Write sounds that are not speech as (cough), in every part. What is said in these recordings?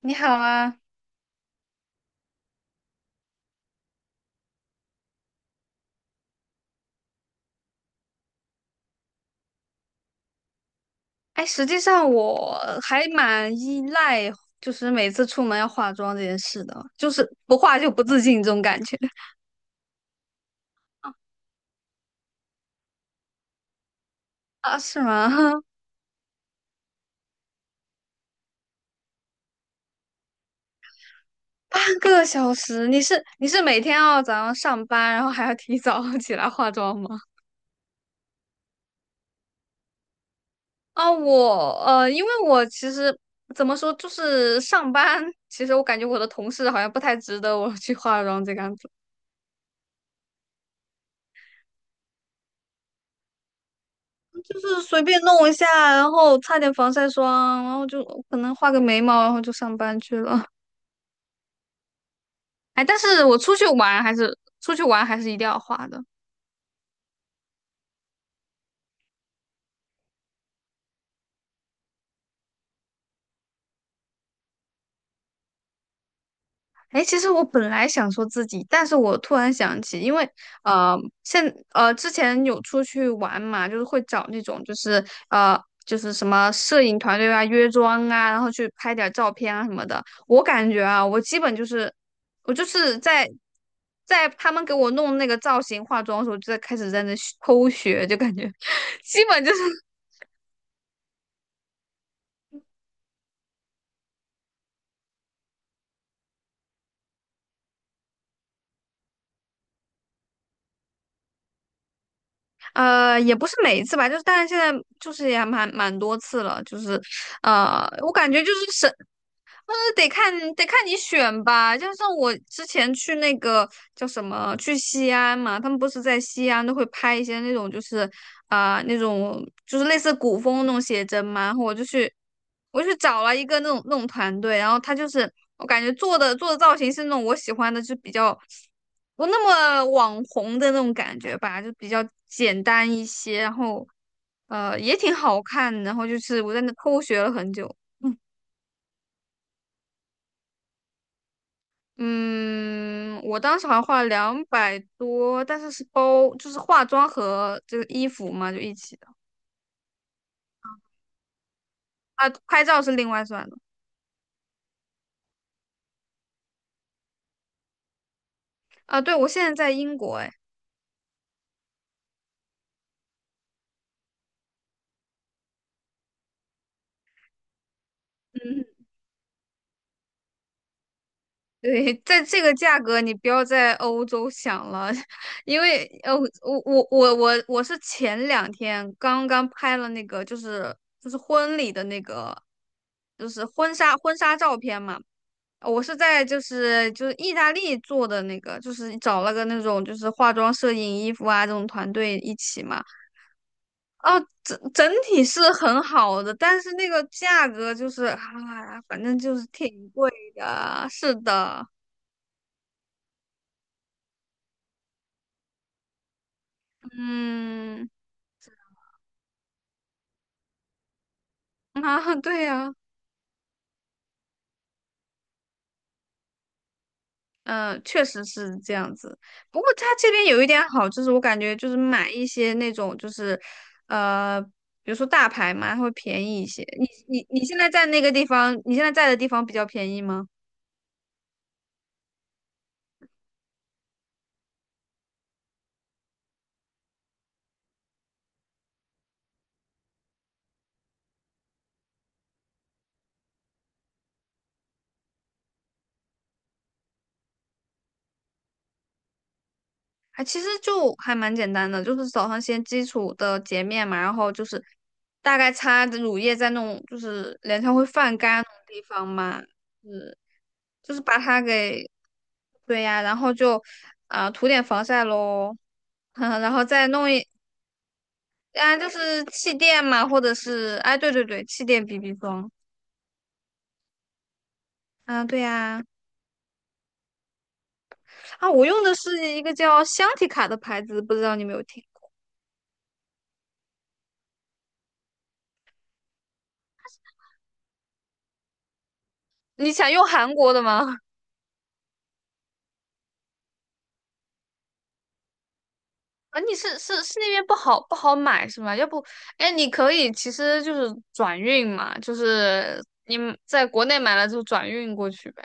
你好啊，哎，实际上我还蛮依赖，就是每次出门要化妆这件事的，就是不化就不自信这种感觉啊，是吗？(laughs) 半个小时，你是每天要早上上班，然后还要提早 (laughs) 起来化妆吗？啊，我因为我其实怎么说，就是上班，其实我感觉我的同事好像不太值得我去化妆这个样子，就是随便弄一下，然后擦点防晒霜，然后就可能画个眉毛，然后就上班去了。哎，但是我出去玩还是一定要化的。哎，其实我本来想说自己，但是我突然想起，因为呃，现之前有出去玩嘛，就是会找那种就是什么摄影团队啊、约妆啊，然后去拍点照片啊什么的。我感觉啊，我基本就是我就是在他们给我弄那个造型、化妆的时候，就在开始在那学偷学，就感觉 (laughs) 基本就是也不是每一次吧，就是但是现在就是也蛮多次了，就是，我感觉就是得看你选吧，就像我之前去那个叫什么，去西安嘛，他们不是在西安都会拍一些那种就是啊、那种就是类似古风那种写真嘛，然后我去找了一个那种团队，然后他就是我感觉做的造型是那种我喜欢的，就比较不那么网红的那种感觉吧，就比较简单一些，然后也挺好看，然后就是我在那偷学了很久。嗯，我当时好像花了两百多，但是是包，就是化妆和这个衣服嘛，就一起的啊。拍照是另外算的啊。对，我现在在英国，哎，嗯，对，在这个价格你不要在欧洲想了，(laughs) 因为我是前两天刚刚拍了那个，就是婚礼的那个，就是婚纱照片嘛。我是在就是意大利做的那个，就是找了个那种就是化妆、摄影、衣服啊这种团队一起嘛。哦，整体是很好的，但是那个价格就是啊，反正就是挺贵的。是的，嗯，(laughs) 啊，对呀、嗯，确实是这样子。不过它这边有一点好，就是我感觉就是买一些那种就是，呃，比如说大牌嘛，它会便宜一些。你现在在那个地方，你现在在的地方比较便宜吗？还其实就还蛮简单的，就是早上先基础的洁面嘛，然后就是大概擦着乳液在那种就是脸上会泛干那种地方嘛，嗯，就是把它给，对呀，然后就啊、涂点防晒喽。(laughs) 嗯，然后再弄一啊，就是气垫嘛，或者是哎，对对对，气垫 BB 霜。啊，对呀，啊，我用的是一个叫香缇卡的牌子，不知道你有没有听过？你想用韩国的吗？啊，你是那边不好买是吗？要不，哎，你可以其实就是转运嘛，就是你在国内买了就转运过去呗。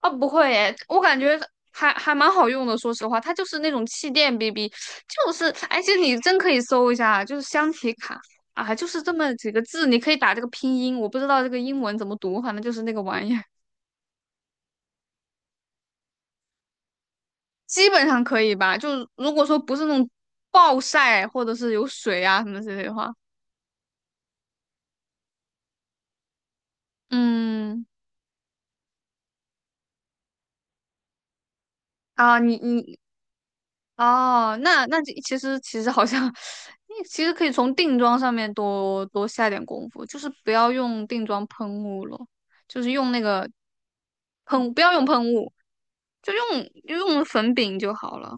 啊，不会诶，我感觉还蛮好用的。说实话，它就是那种气垫 BB，就是而且你真可以搜一下，就是香缇卡啊，就是这么几个字，你可以打这个拼音，我不知道这个英文怎么读，反正就是那个玩意儿，基本上可以吧。就如果说不是那种暴晒或者是有水啊什么之类的话，嗯啊，你哦，那其实好像，你其实可以从定妆上面多多下点功夫，就是不要用定妆喷雾了，就是用那个喷，不要用喷雾，就用就用粉饼就好了。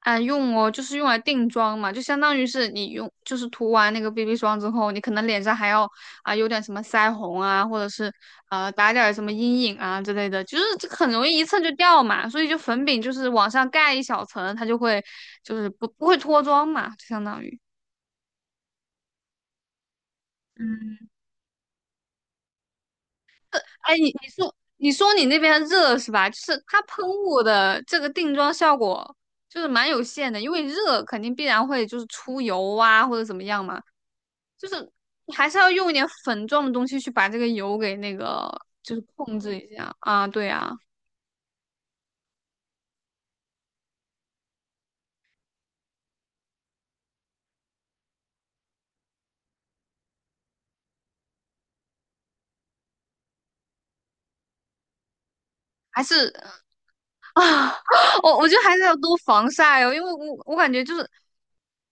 啊，用哦，就是用来定妆嘛，就相当于是你用，就是涂完那个 BB 霜之后，你可能脸上还要啊有点什么腮红啊，或者是打点儿什么阴影啊之类的，就是这个很容易一蹭就掉嘛，所以就粉饼就是往上盖一小层，它就会就是不会脱妆嘛，就相当于。嗯，哎，你说你那边热是吧？就是它喷雾的这个定妆效果就是蛮有限的，因为热肯定必然会就是出油啊或者怎么样嘛。就是你还是要用一点粉状的东西去把这个油给那个，就是控制一下啊。对啊，还是啊，(laughs) 我觉得还是要多防晒哦，因为我感觉就是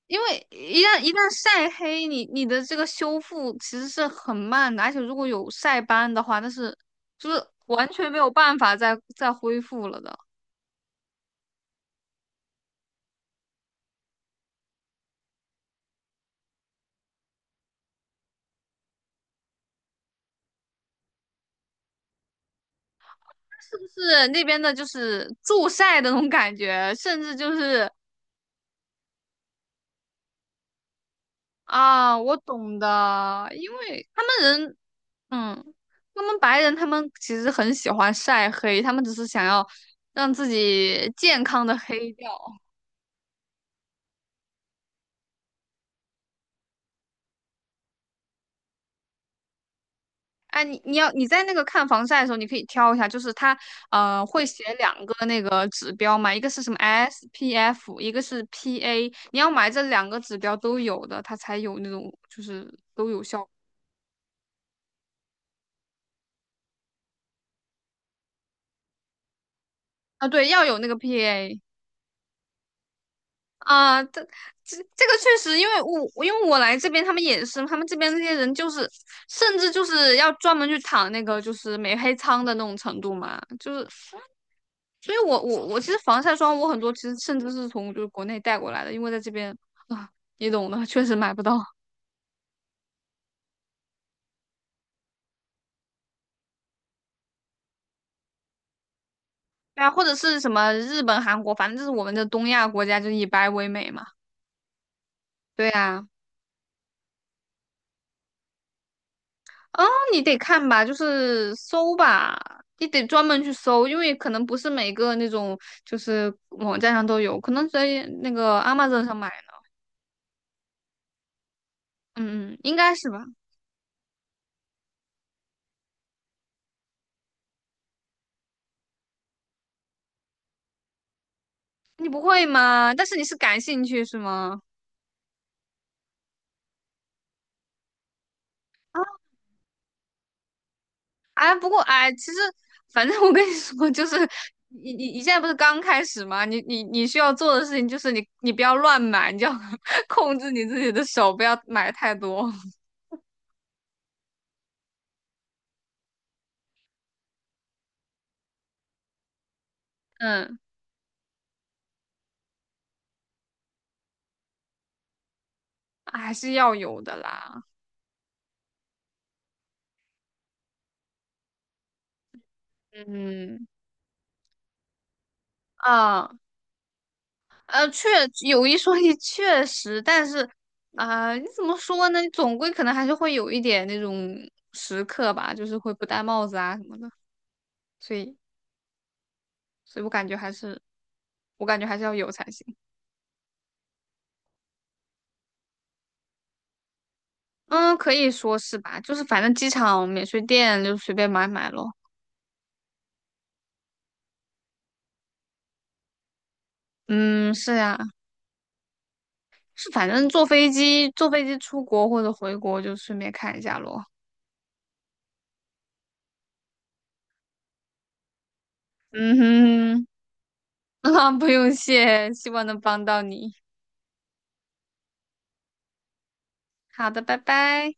因为一旦晒黑，你的这个修复其实是很慢的，而且如果有晒斑的话，那是就是完全没有办法再恢复了的。是不是那边的就是助晒的那种感觉，甚至就是啊，我懂的，因为嗯，他们白人他们其实很喜欢晒黑，他们只是想要让自己健康的黑掉。哎，你在那个看防晒的时候，你可以挑一下，就是它会写两个那个指标嘛，一个是什么 SPF，一个是 PA，你要买这两个指标都有的，它才有那种就是都有效果啊。对，要有那个 PA。啊，这个确实，因为我来这边，他们也是，他们这边那些人就是，甚至就是要专门去躺那个就是美黑仓的那种程度嘛，就是，所以我其实防晒霜我很多其实甚至是从就是国内带过来的，因为在这边啊，你懂的，确实买不到。对啊，或者是什么日本、韩国，反正就是我们的东亚国家就是以白为美嘛。对啊。哦，你得看吧，就是搜吧，你得专门去搜，因为可能不是每个那种就是网站上都有，可能在那个 Amazon 上买的嗯嗯，应该是吧？你不会吗？但是你是感兴趣是吗？啊，哎，不过哎，其实反正我跟你说，就是你现在不是刚开始吗？你需要做的事情就是你不要乱买，你就要 (laughs) 控制你自己的手，不要买太多。嗯，还是要有的啦。嗯啊。确有一说一，确实，但是啊、你怎么说呢？你总归可能还是会有一点那种时刻吧，就是会不戴帽子啊什么的，所以，所以我感觉还是，要有才行。嗯，可以说是吧，就是反正机场免税店就随便买买咯。嗯，是呀，是反正坐飞机出国或者回国就顺便看一下咯。嗯哼，(laughs) 啊，不用谢，希望能帮到你。好的，拜拜。